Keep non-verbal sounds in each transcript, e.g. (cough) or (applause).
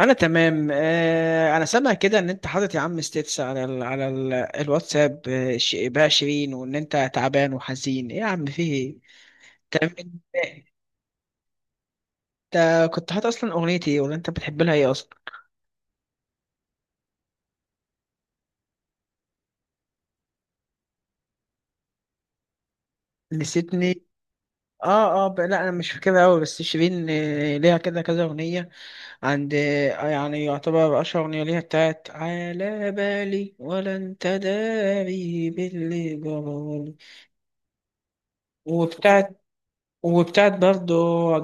انا تمام. انا سامع كده ان انت حاطط يا عم ستيتس على ال على ال الواتساب، بقى شيرين، وان انت تعبان وحزين، ايه يا عم، في ايه؟ تمام. انت كنت حاطط اصلا اغنيتي ايه، ولا انت بتحب لها ايه اصلا؟ نسيتني. اه، اه، لا، انا مش فاكرها قوي، بس شيرين، ليها كده كذا اغنيه. عند آه، يعني يعتبر اشهر اغنيه ليها بتاعت على بالي، ولا انت داري باللي جرالي. وبتاعت وبتاعت برضو،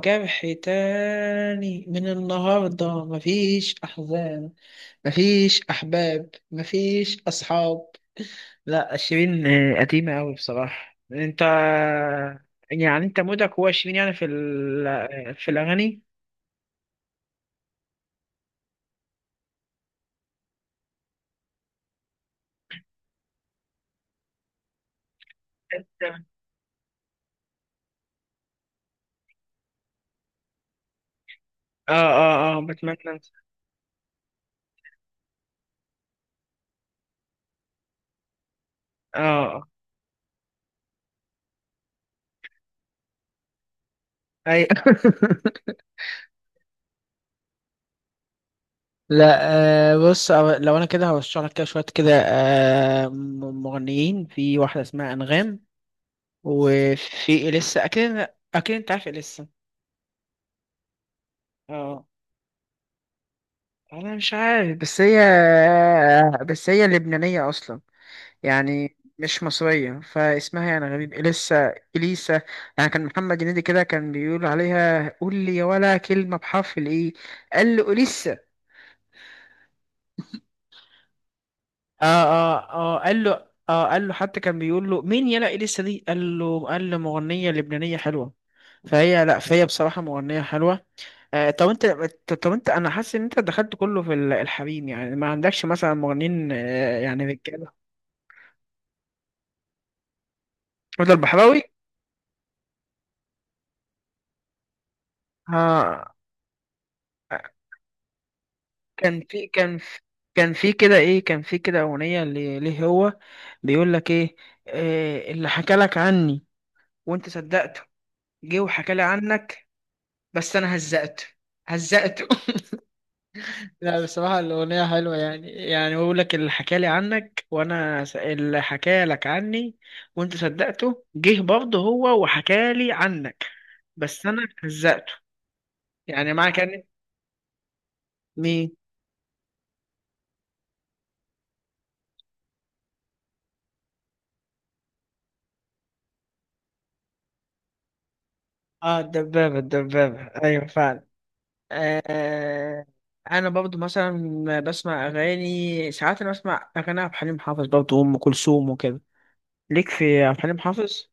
جرح تاني، من النهاردة مفيش أحزان، مفيش أحباب، مفيش أصحاب. لا، شيرين قديمة أوي بصراحة، أنت، يعني أنت مودك هو شيرين يعني في في الأغاني. اه، اه، اه، بتمنى أنسى. اه، آه. أي (laughs) لا، بص، لو أنا كده هرشح لك كده شوية كده، مغنيين، في واحدة اسمها أنغام، وفي إليسا أكيد. أكيد أنت عارف إليسا. اه، أنا مش عارف، بس هي لبنانية أصلا. يعني مش مصرية، فاسمها يعني غريب، إليسا، إليسا. يعني كان محمد هنيدي كده كان بيقول عليها، قول لي يا ولا كلمة بحرف الإيه، قال له إليسا. اه، اه، اه، قال له. اه، قال له، حتى كان بيقول له، مين يلا إليسا دي، قال له، قال له مغنية لبنانية حلوة. فهي، لا، فهي بصراحة مغنية حلوة. طب انت، انا حاسس ان انت دخلت كله في الحريم، يعني ما عندكش مثلا مغنيين، يعني رجاله؟ رضا البحراوي. آه، كان في كان في كان في كده ايه، كان في كده اغنيه ليه، هو بيقول لك ايه، اللي حكى لك عني، وانت صدقته، جه وحكى لي عنك، بس انا هزقته. هزقته. (laughs) لا، بصراحة الأغنية حلوة. يعني، يعني بقول لك اللي حكالي عنك، اللي حكالك عني، وأنت صدقته، جه برضه هو وحكالي عنك، بس أنا هزقته. يعني معنى كان. مين؟ آه، الدبابة، الدبابة، أيوة فعلا. آه أنا برضه مثلا بسمع أغاني ساعات. أنا بسمع أغاني عبد الحليم حافظ برضه وأم كلثوم وكده. ليك في عبد الحليم حافظ؟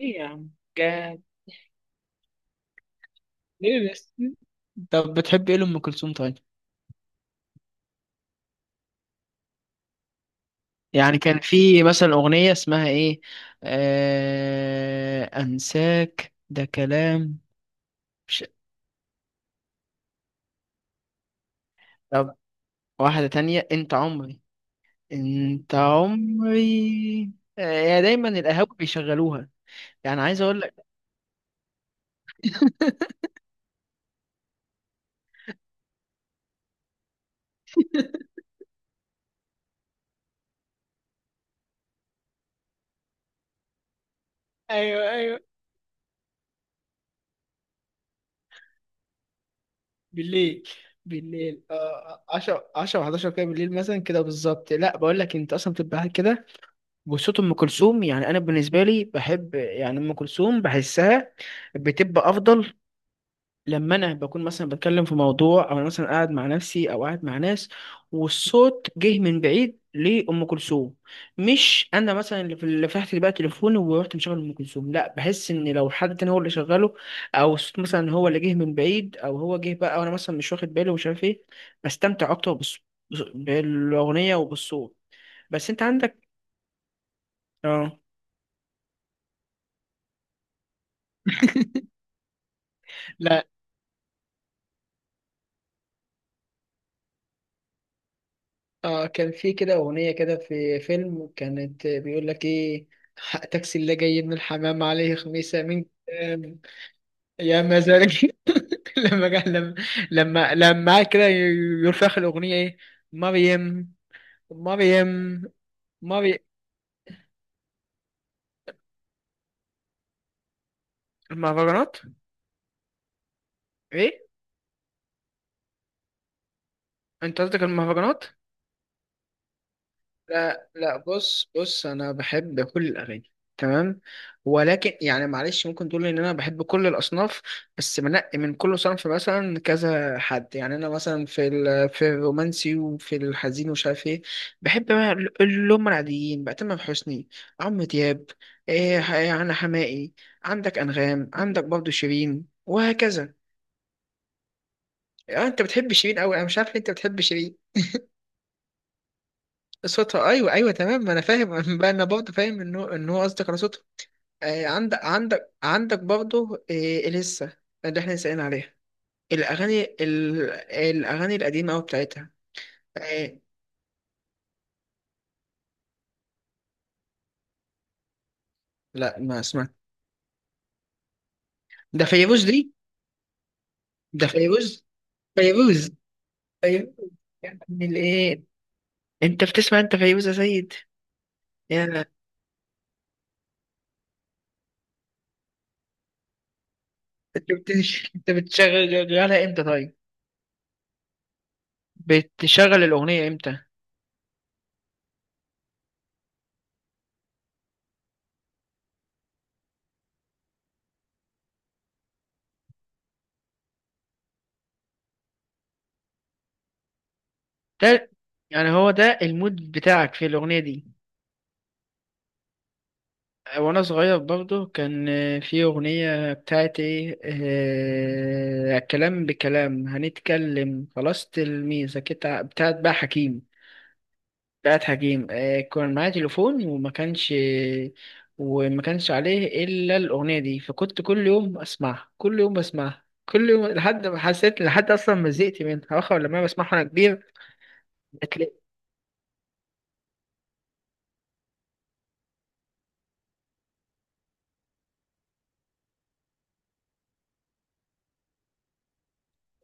إيه يا عم؟ جاد. ليه بس؟ طب بتحب إيه لأم كلثوم طيب؟ يعني كان في مثلا أغنية اسمها إيه، أنساك ده كلام. مش... طب، واحدة تانية، أنت عمري، أنت عمري. هي دايما القهاوي بيشغلوها. يعني عايز أقول لك. أيوه، أيوه. بالليل. بالليل، 10، 10، 11 كده بالليل، مثلا كده بالظبط. لا، بقول لك انت اصلا بتبقى قاعد كده، وصوت ام كلثوم يعني، انا بالنسبه لي بحب يعني ام كلثوم، بحسها بتبقى افضل، لما انا بكون مثلا بتكلم في موضوع، او انا مثلا قاعد مع نفسي، او قاعد مع ناس، والصوت جه من بعيد لام كلثوم. مش انا مثلا اللي فتحت بقى تليفوني ورحت مشغل ام كلثوم، لا، بحس ان لو حد تاني هو اللي شغله، او الصوت مثلا هو اللي جه من بعيد، او هو جه بقى وانا مثلا مش واخد بالي، ومش عارف ايه. بستمتع اكتر. بالاغنيه وبالصوت. بس انت عندك. اه، لا. اه، كان في كده أغنية كده في فيلم، كانت بيقول لك إيه، حق تاكسي اللي جاي من الحمام عليه خميسة من كام، يا مزاجي. (laughs) لما جه، لما قعد كده يرفخ الأغنية إيه، مريم، مريم، مريم. المهرجانات. إيه، أنت قصدك المهرجانات؟ لا، لا، بص، بص، انا بحب كل الاغاني تمام. ولكن يعني معلش، ممكن تقول ان انا بحب كل الاصناف، بس بنقي من كل صنف مثلا كذا حد. يعني انا مثلا في في الرومانسي وفي الحزين ومش عارف ايه، بحب بقى اللي هم العاديين بقى، تامر حسني، عمرو دياب، إيه، يعني حماقي، عندك انغام، عندك برضو شيرين، وهكذا. انت بتحب شيرين قوي، انا مش عارف ليه انت بتحب شيرين. صوتها، ايوه، ايوه، تمام، ما انا فاهم. (laughs) بقى انا برضه فاهم ان هو، ان هو قصدك على صوتها. عندك برضه، لسه اللي احنا سائلين عليها، الاغاني الاغاني القديمه قوي بتاعتها. آه، لا، ما سمعت. ده فيروز دي. ده فيروز. فيروز. فيروز، يا ابن الايه. انت بتسمع انت فيروز يا سيد؟ يا انت. بت- (laughs) انت بتشغلها امتى طيب؟ بتشغل الاغنيه امتى؟ ده يعني، هو ده المود بتاعك في الاغنيه دي. وانا صغير برضه، كان في اغنية بتاعت ايه، كلام بكلام هنتكلم خلاص، تلميذة كده بتاعت بقى حكيم. بتاعت حكيم. كان معايا تليفون وما كانش، وما كانش عليه الا الاغنية دي، فكنت كل يوم اسمعها، كل يوم بسمعها، كل يوم لحد ما حسيت، لحد اصلا ما زهقت منها، واخر لما أنا بسمعها وانا كبير هتلاقي.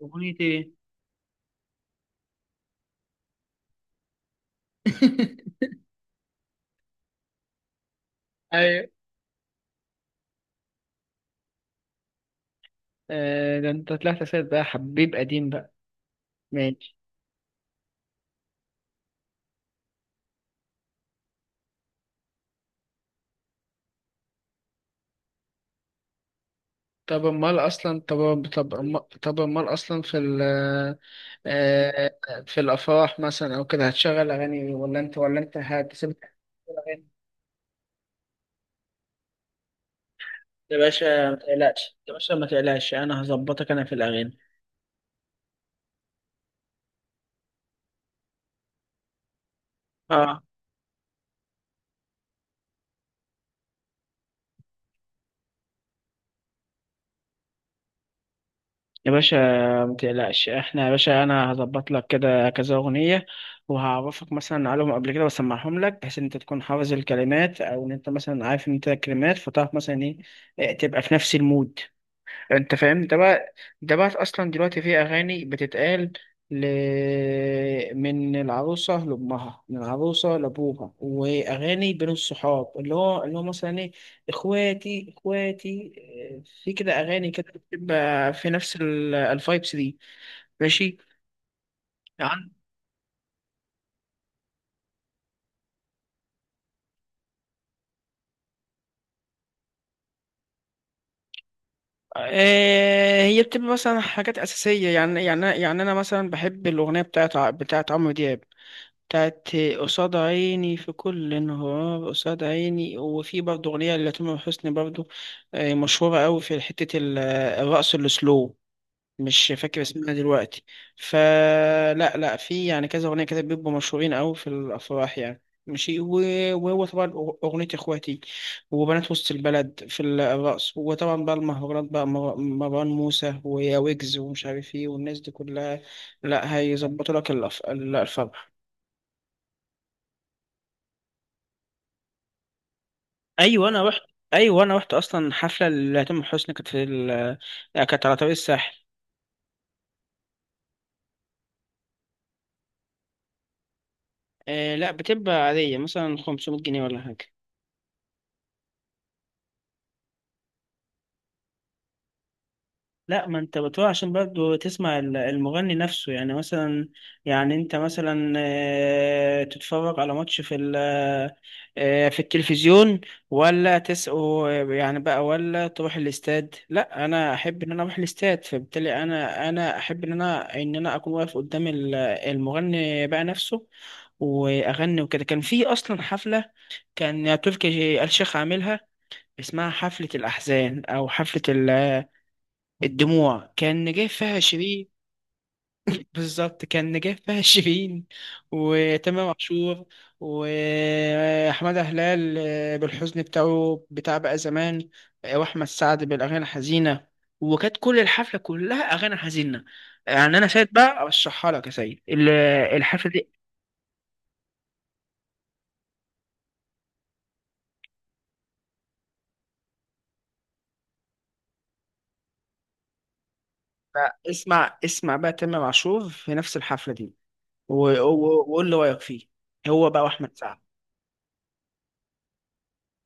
اغنية ايه؟ (laughs) ايوه. ده انت طلعت سيد بقى، حبيب قديم بقى. ماشي. طب امال اصلا في ال، آه، في الافراح مثلا او كده، هتشغل اغاني ولا انت، ولا انت هتسيب الاغاني؟ يا باشا، ما تقلقش، يا باشا، ما تقلقش، انا هظبطك انا في الاغاني. اه. يا باشا، ما تقلقش، احنا، يا باشا، انا هظبط لك كده كذا اغنيه، وهعرفك مثلا عليهم قبل كده، واسمعهم لك، بحيث ان انت تكون حافظ الكلمات، او ان انت مثلا عارف ان انت الكلمات، فتعرف مثلا ايه، إيه، تبقى في نفس المود. انت فاهم ده بقى؟ ده بقى اصلا دلوقتي في اغاني بتتقال، ل... من العروسه لامها، من العروسه لابوها، واغاني بين الصحاب، اللي هو مثلا ايه، اخواتي، اخواتي. في كده اغاني كده بتبقى في نفس الفايبس دي. ماشي. يعني هي بتبقى مثلا حاجات اساسيه، يعني، يعني، يعني انا مثلا بحب الاغنيه بتاعت، بتاعت عمرو دياب، بتاعت قصاد عيني في كل انهار، قصاد عيني، وفي برضه أغنية لتامر حسني برضه، مشهورة أوي في حتة الرقص السلو، مش فاكر اسمها دلوقتي. فلا، لا، في يعني كذا أغنية كده بيبقوا مشهورين أوي في الأفراح يعني، ماشي. وهو طبعا، أغنية إخواتي، وبنات وسط البلد في الرقص، وطبعا بقى المهرجانات بقى، مروان موسى، ويا ويجز، ومش عارف إيه، والناس دي كلها، لا، هيظبطوا لك الفرح. ايوه، انا رحت، ايوه، انا رحت اصلا حفله لتامر حسني، كانت في ال... كانت على طريق الساحل. آه، لا، بتبقى عاديه مثلا 500 جنيه ولا حاجه. لا، ما انت بتقول عشان برضه تسمع المغني نفسه يعني، مثلا، يعني انت مثلا تتفرج على ماتش في في التلفزيون، ولا تسقه يعني بقى، ولا تروح الاستاد. لا، انا احب ان انا اروح الاستاد، فبالتالي انا، احب ان انا، اكون واقف قدام المغني بقى نفسه، واغني وكده. كان في اصلا حفلة، كان تركي آل الشيخ عاملها، اسمها حفلة الأحزان أو حفلة الدموع، كان نجاح فيها شيرين. بالظبط كان نجاح فيها شيرين، وتامر عاشور، وأحمد هلال، بالحزن بتاعه بتاع بقى زمان، وأحمد سعد بالأغاني الحزينة، وكانت كل الحفلة كلها أغاني حزينة. يعني أنا سيد بقى أرشحها لك يا سيد، الحفلة دي. بقى اسمع، اسمع بقى تامر عاشور في نفس الحفلة دي، وقول لي رأيك فيه، هو بقى، وأحمد سعد.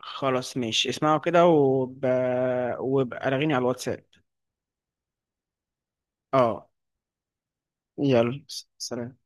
خلاص ماشي، اسمعوا كده، وبقى رغيني على الواتساب. اه، يلا، سلام.